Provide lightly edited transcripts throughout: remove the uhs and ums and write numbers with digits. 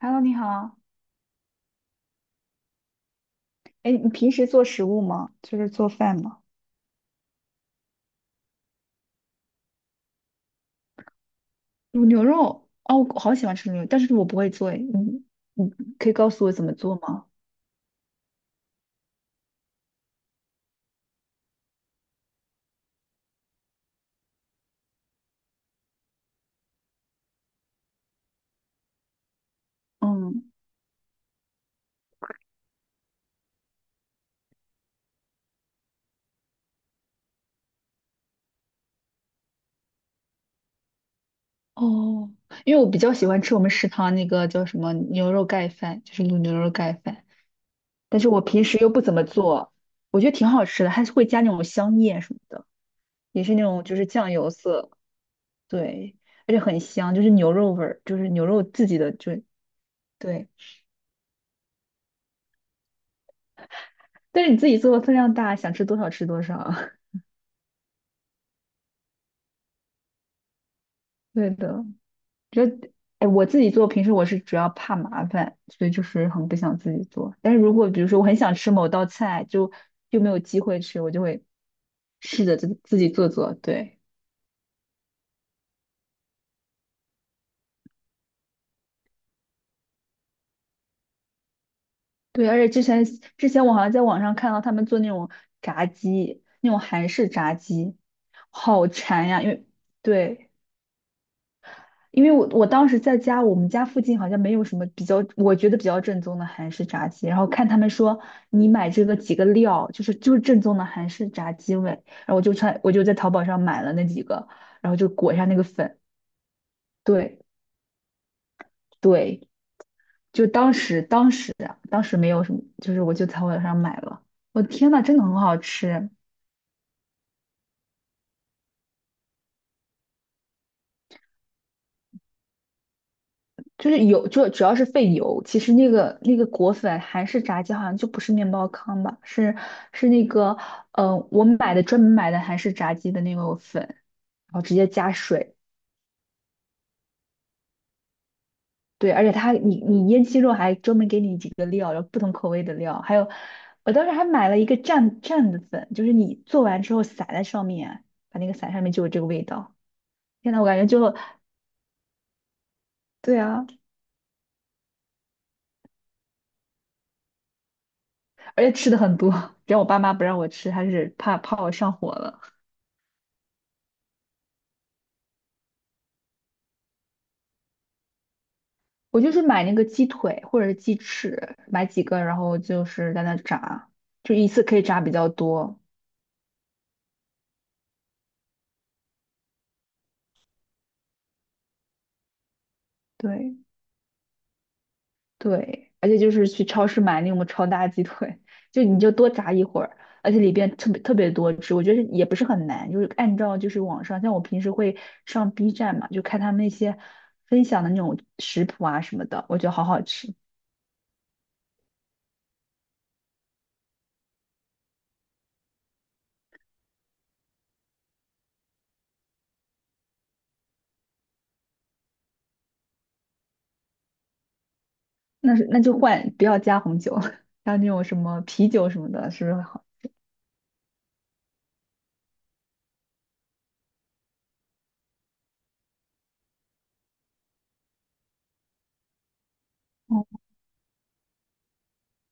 Hello，你好。哎，你平时做食物吗？就是做饭吗？卤牛肉，哦，我好喜欢吃牛肉，但是我不会做诶。你可以告诉我怎么做吗？嗯，哦，因为我比较喜欢吃我们食堂那个叫什么牛肉盖饭，就是卤牛肉盖饭，但是我平时又不怎么做，我觉得挺好吃的，还是会加那种香叶什么的，也是那种就是酱油色，对，而且很香，就是牛肉味儿，就是牛肉自己的，就对。但是你自己做的分量大，想吃多少吃多少。对的，就得哎，我自己做平时我是主要怕麻烦，所以就是很不想自己做。但是如果比如说我很想吃某道菜，就没有机会吃，我就会试着自己做做。对对，而且之前我好像在网上看到他们做那种炸鸡，那种韩式炸鸡，好馋呀！对，因为我当时在家，我们家附近好像没有什么比较，我觉得比较正宗的韩式炸鸡。然后看他们说你买这个几个料，就是正宗的韩式炸鸡味。然后我就在淘宝上买了那几个，然后就裹一下那个粉。对对，就当时没有什么，就是我就淘宝上买了。我天呐，真的很好吃。就是油，就主要是费油。其实那个裹粉韩式炸鸡好像就不是面包糠吧，是那个我买的专门买的韩式炸鸡的那个粉，然后直接加水。对，而且它你腌鸡肉还专门给你几个料，然后不同口味的料，还有我当时还买了一个蘸蘸的粉，就是你做完之后撒在上面，把那个撒上面就有这个味道。天呐，我感觉对啊，而且吃的很多，只要我爸妈不让我吃，还是怕我上火了。我就是买那个鸡腿或者是鸡翅，买几个，然后就是在那炸，就一次可以炸比较多。对对，而且就是去超市买那种超大鸡腿，就你就多炸一会儿，而且里边特别特别多汁，我觉得也不是很难，就是按照就是网上，像我平时会上 B 站嘛，就看他们那些分享的那种食谱啊什么的，我觉得好好吃。那是那就换，不要加红酒，还有那种什么啤酒什么的，是不是好？哦，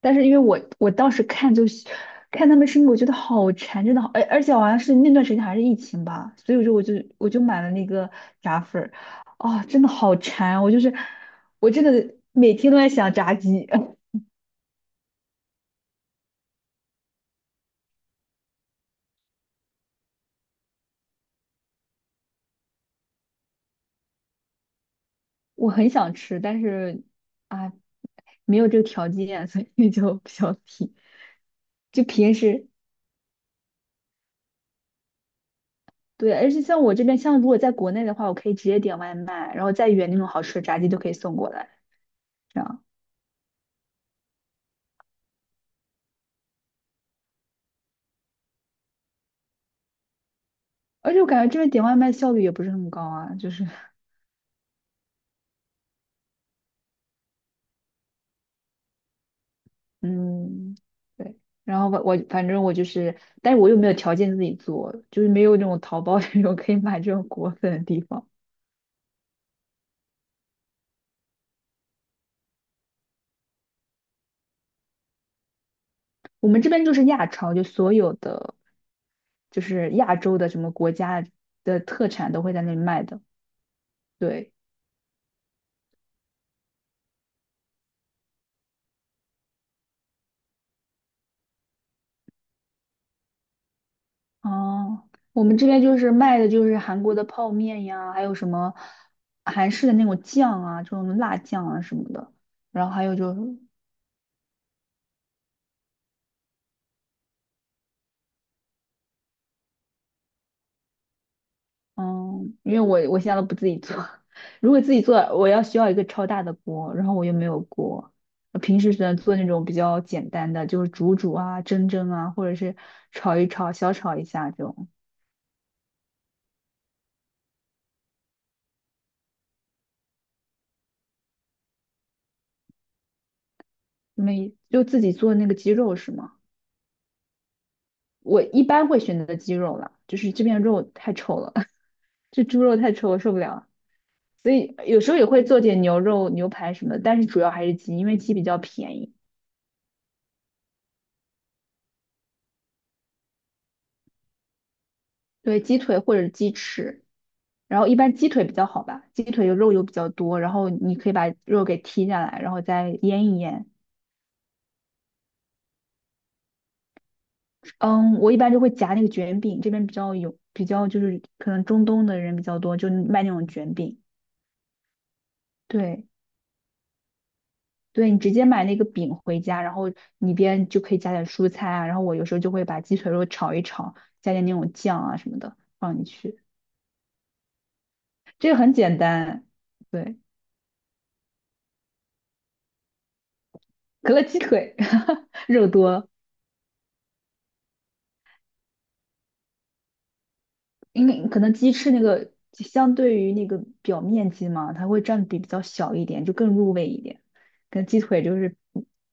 但是因为我当时看就是看他们吃，我觉得好馋，真的好，而且好像是那段时间还是疫情吧，所以我说我就买了那个炸粉儿，啊、真的好馋啊，我就是我真的每天都在想炸鸡，我很想吃，但是啊没有这个条件，所以就比较皮，就平时。对，而且像我这边，像如果在国内的话，我可以直接点外卖，然后再远那种好吃的炸鸡都可以送过来。这样。而且我感觉这边点外卖效率也不是很高啊，就是，嗯，对。然后我反正我就是，但是我又没有条件自己做，就是没有那种淘宝 这种可以买这种果粉的地方。我们这边就是亚超，就所有的就是亚洲的什么国家的特产都会在那里卖的。对，哦，我们这边就是卖的就是韩国的泡面呀，还有什么韩式的那种酱啊，这种辣酱啊什么的。然后还有就是嗯，因为我现在都不自己做，如果自己做，我需要一个超大的锅，然后我又没有锅，我平时只能做那种比较简单的，就是煮煮啊、蒸蒸啊，或者是炒一炒、小炒一下这种。没，就自己做那个鸡肉是吗？我一般会选择鸡肉了，就是这边肉太臭了，这猪肉太臭，我受不了。所以有时候也会做点牛肉、牛排什么的，但是主要还是鸡，因为鸡比较便宜。对，鸡腿或者鸡翅。然后一般鸡腿比较好吧，鸡腿肉油比较多，然后你可以把肉给剔下来，然后再腌一腌。嗯，我一般就会夹那个卷饼，这边比较有，比较就是可能中东的人比较多，就卖那种卷饼。对，对你直接买那个饼回家，然后里边就可以加点蔬菜啊，然后我有时候就会把鸡腿肉炒一炒，加点那种酱啊什么的放进去，这个很简单。对，可乐鸡腿，肉多。因为可能鸡翅那个相对于那个表面积嘛，它会占比比较小一点，就更入味一点。跟鸡腿就是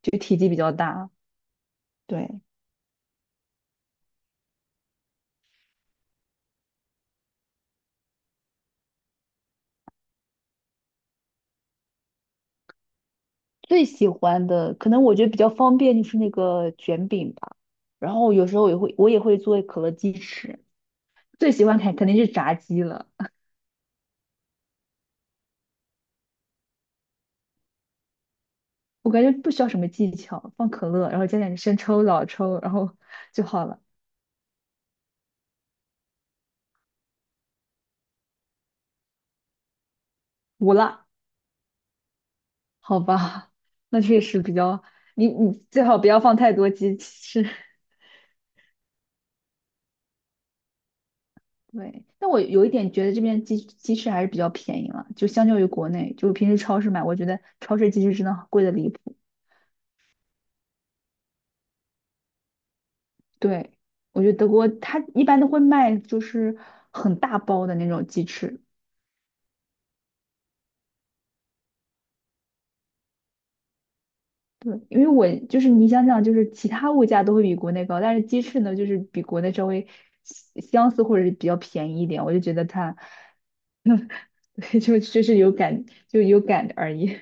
体积比较大，对，最喜欢的，可能我觉得比较方便就是那个卷饼吧，然后有时候我也会做可乐鸡翅。最喜欢肯定是炸鸡了。我感觉不需要什么技巧，放可乐，然后加点生抽、老抽，然后就好了，无辣，好吧？那确实比较，你最好不要放太多鸡翅。对，但我有一点觉得这边鸡翅还是比较便宜了，就相较于国内，就平时超市买，我觉得超市鸡翅真的贵的离谱。对，我觉得德国它一般都会卖就是很大包的那种鸡翅。对，因为我就是你想想，就是其他物价都会比国内高，但是鸡翅呢，就是比国内稍微相相似或者是比较便宜一点，我就觉得它，对就是有感就有感而已。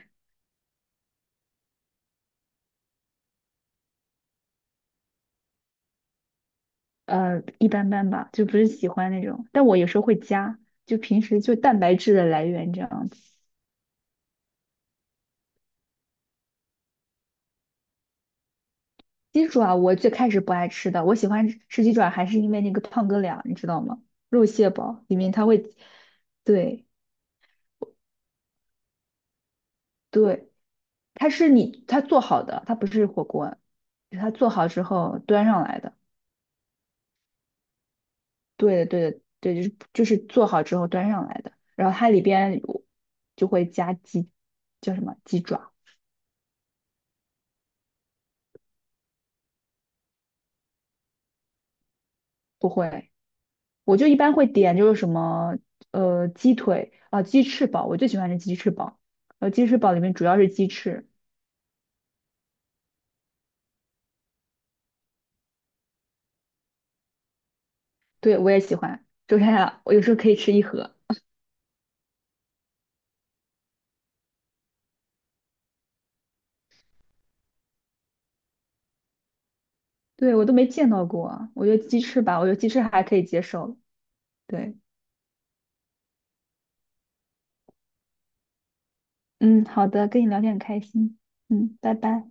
一般般吧，就不是喜欢那种。但我有时候会加，就平时就蛋白质的来源这样子。鸡爪我最开始不爱吃的，我喜欢吃鸡爪还是因为那个胖哥俩，你知道吗？肉蟹煲里面它会，对对，它是你它做好的，它不是火锅，它做好之后端上来的。对的对的对，就是做好之后端上来的。然后它里边有就会加鸡，叫什么鸡爪？不会。我就一般会点就是什么鸡腿啊、鸡翅堡，我最喜欢是鸡翅堡。鸡翅堡里面主要是鸡翅，对我也喜欢。就 是它我有时候可以吃一盒，对我都没见到过。我觉得鸡翅吧，我觉得鸡翅还可以接受。对，嗯，好的，跟你聊天很开心，嗯，拜拜。